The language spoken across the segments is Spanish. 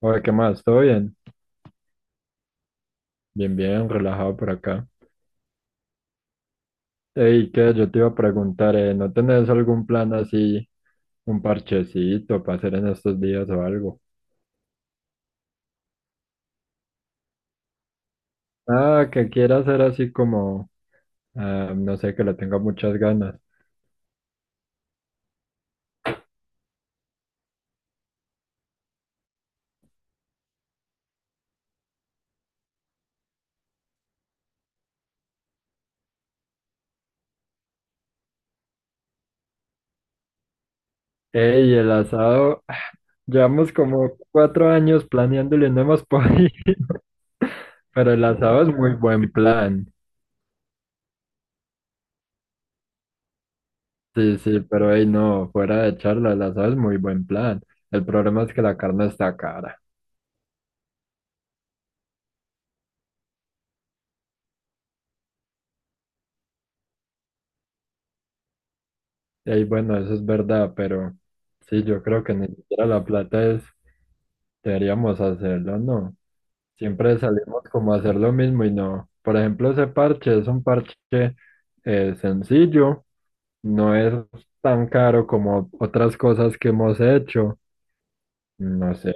Oye, ¿qué más? ¿Todo bien? Bien, bien, relajado por acá. Ey, ¿qué? Yo te iba a preguntar, ¿no tenés algún plan así, un parchecito para hacer en estos días o algo? Ah, que quiera hacer así como, no sé, que le tenga muchas ganas. Ey, el asado, llevamos como 4 años planeándolo y no hemos podido. Pero el asado es muy buen plan. Sí, sí, pero ey, no, fuera de charla, el asado es muy buen plan. El problema es que la carne está cara. Ey, bueno, eso es verdad, pero sí, yo creo que ni siquiera la plata es, deberíamos hacerlo, ¿no? Siempre salimos como a hacer lo mismo y no. Por ejemplo, ese parche es un parche sencillo, no es tan caro como otras cosas que hemos hecho. No sé.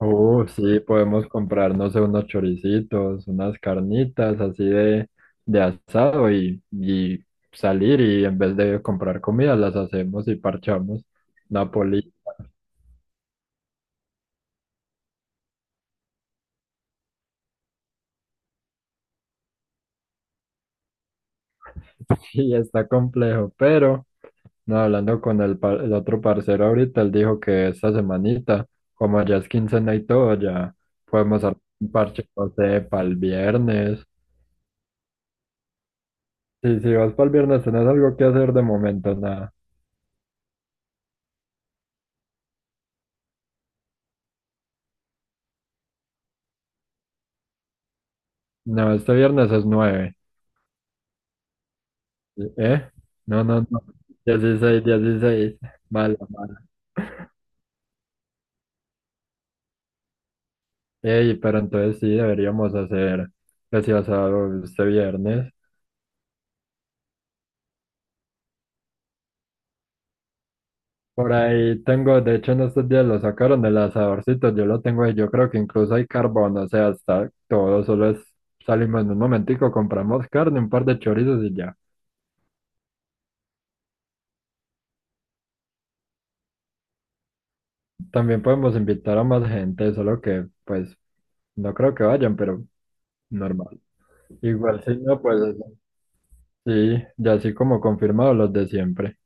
Sí, podemos comprar, no sé, unos choricitos, unas carnitas así de asado y salir y, en vez de comprar comida, las hacemos y parchamos. Napoli. Sí, está complejo, pero no, hablando con el, el otro parcero ahorita, él dijo que esta semanita, como ya es quincena y todo, ya podemos hacer un parche, no sé, para el viernes. Sí, si vas para el viernes, tenés algo que hacer de momento, nada. No, este viernes es nueve. ¿Eh? No, no, no. 16, 16. Mala, mala. Ey, pero entonces sí deberíamos hacer ese asado este viernes. Por ahí tengo, de hecho en estos días lo sacaron del asadorcito, yo lo tengo ahí, yo creo que incluso hay carbón. O sea, está todo, solo es, salimos en un momentico, compramos carne, un par de chorizos y ya. También podemos invitar a más gente, solo que pues no creo que vayan, pero normal. Igual si no, pues sí, ya así como confirmado los de siempre.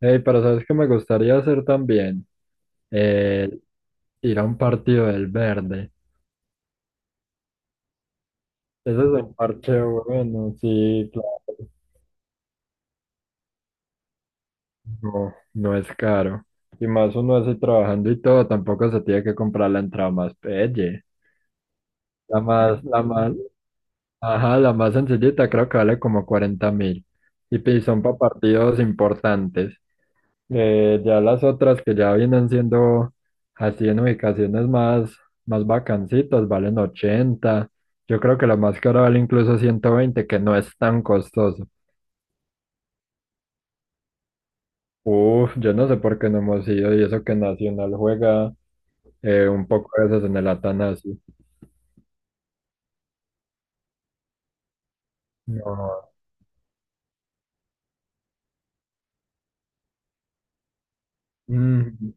Hey, pero sabes que me gustaría hacer también, Eh, ir a un partido del Verde. Ese es un parche bueno, sí, claro. No, no es caro. Y más uno así trabajando y todo, tampoco se tiene que comprar la entrada más pelle. La más, la más, ajá, la más sencillita creo que vale como 40.000. Y son para partidos importantes. Ya las otras que ya vienen siendo así en ubicaciones más bacancitas, valen 80. Yo creo que la más cara vale incluso 120, que no es tan costoso. Uf, yo no sé por qué no hemos ido, y eso que Nacional juega un poco de veces en el Atanasio. No. Mm,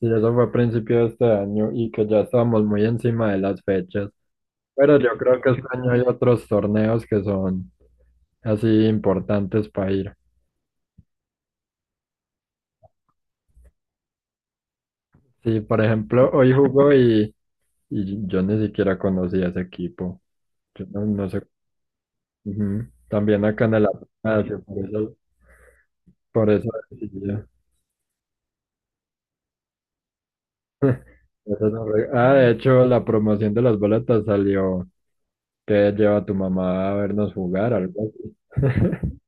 sí, eso fue a principio de este año, y que ya estábamos muy encima de las fechas. Pero yo creo que este año hay otros torneos que son así importantes para ir. Sí, por ejemplo, hoy jugó, y yo ni siquiera conocía ese equipo. Yo no, no sé. Ujú. También acá en el Atanasio, por eso decidí. Eso no Ah, de hecho, la promoción de las boletas salió que lleva a tu mamá a vernos jugar, algo así.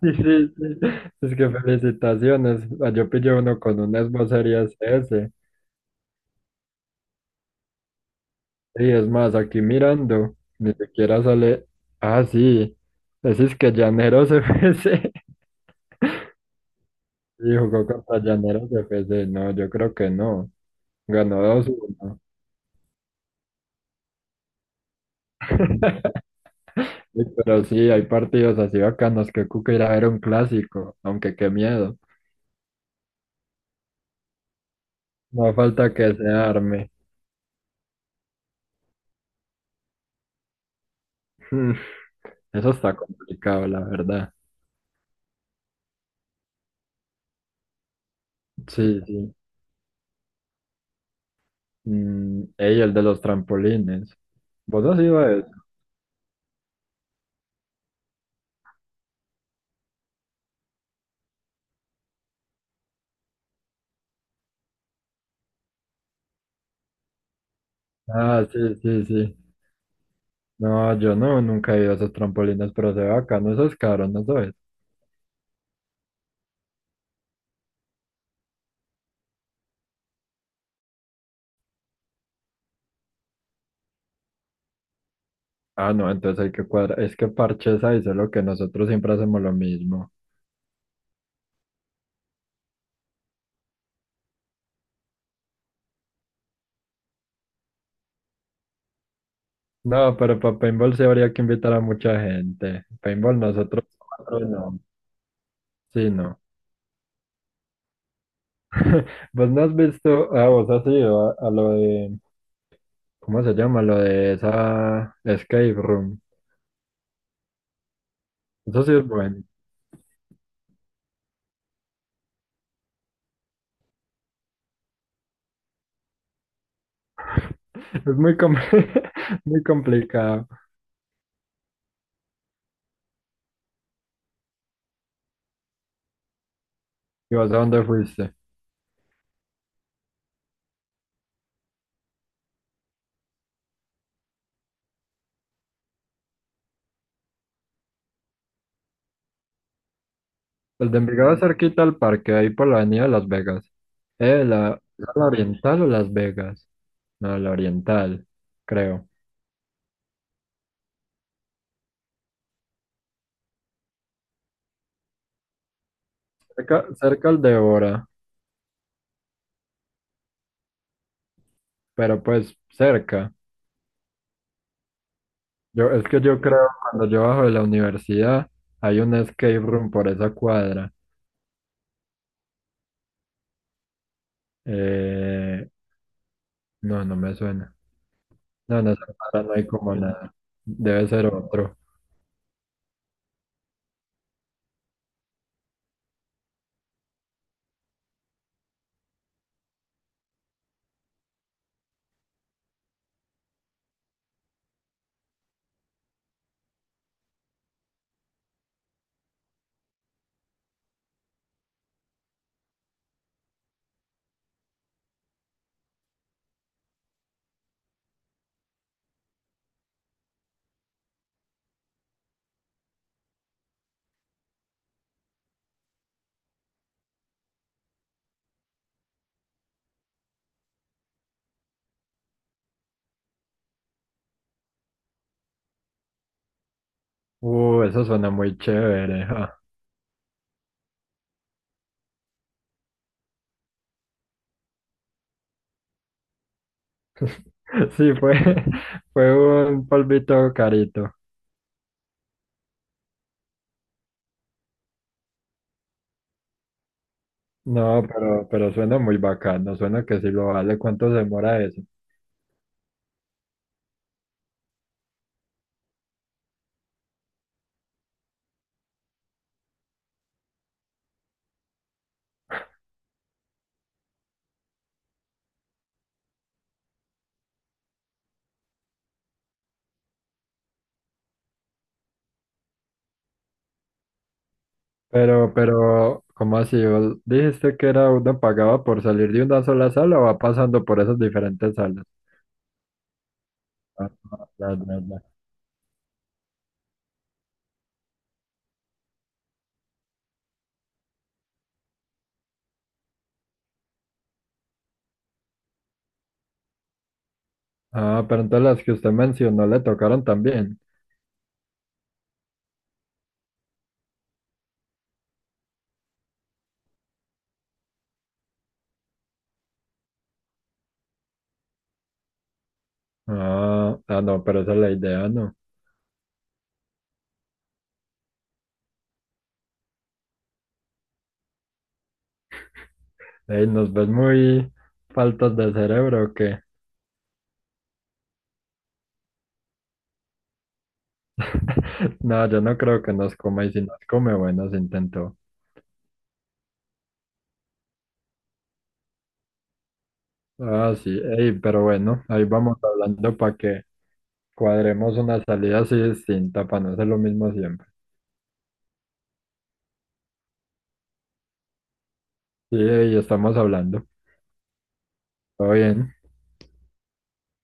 Sí, sí, sí. Es que felicitaciones. Ah, yo pillé uno con un Xbox Series S. Y es más, aquí mirando, ni siquiera sale. Ah, sí. Ese es que Llaneros FC. Y jugó contra Llaneros de FC. No, yo creo que no. Ganó 2-1. Sí, pero sí, hay partidos así bacanos. Que Cuca irá a ver un clásico, aunque qué miedo. No falta que se arme. Mm, Eso está complicado, la verdad. Sí, sí. Ey, el de los trampolines. ¿Vos has ido a eso? Ah, sí, sí, sí. No, yo no, nunca he ido a esos trampolines, pero se ve bacano. Eso es caro, ¿no sabes? Ah, no, entonces hay que cuadrar. Es que parches ahí, solo que nosotros siempre hacemos lo mismo. No, pero para paintball sí habría que invitar a mucha gente. Paintball nosotros cuatro no. Sí, no. ¿Vos no has visto, vos has ido a lo de, ¿cómo se llama? Lo de esa escape room. Eso sí es bueno. Es muy, muy complicado. ¿Y vos a dónde fuiste? El de Envigado es cerquita al parque, ahí por la avenida de Las Vegas. La oriental o Las Vegas? No, la oriental, creo. Cerca, cerca al de Bora, pero pues cerca. Yo, es que yo creo, cuando yo bajo de la universidad, hay un escape room por esa cuadra. Eh, no, no me suena. No, en esa cuadra no hay como nada. Debe ser otro. Eso suena muy chévere. Ja. Sí, fue, fue un polvito carito. No, pero suena muy bacano. Suena que sí lo vale. ¿Cuánto se demora eso? Pero, ¿cómo así? ¿Vos dijiste que era uno pagaba por salir de una sola sala, o va pasando por esas diferentes salas? Ah, ya, ya, ya. Ah, pero entonces las que usted mencionó le tocaron también. Ah, ah, no, pero esa es la idea, ¿no? Ey, nos ves muy faltas de cerebro, ¿o qué? No, yo no creo que nos coma, y si nos come, bueno, se intentó. Ah, sí, ey, pero bueno, ahí vamos hablando para que cuadremos una salida así distinta, para no hacer lo mismo siempre. Sí, ey, estamos hablando. Todo bien.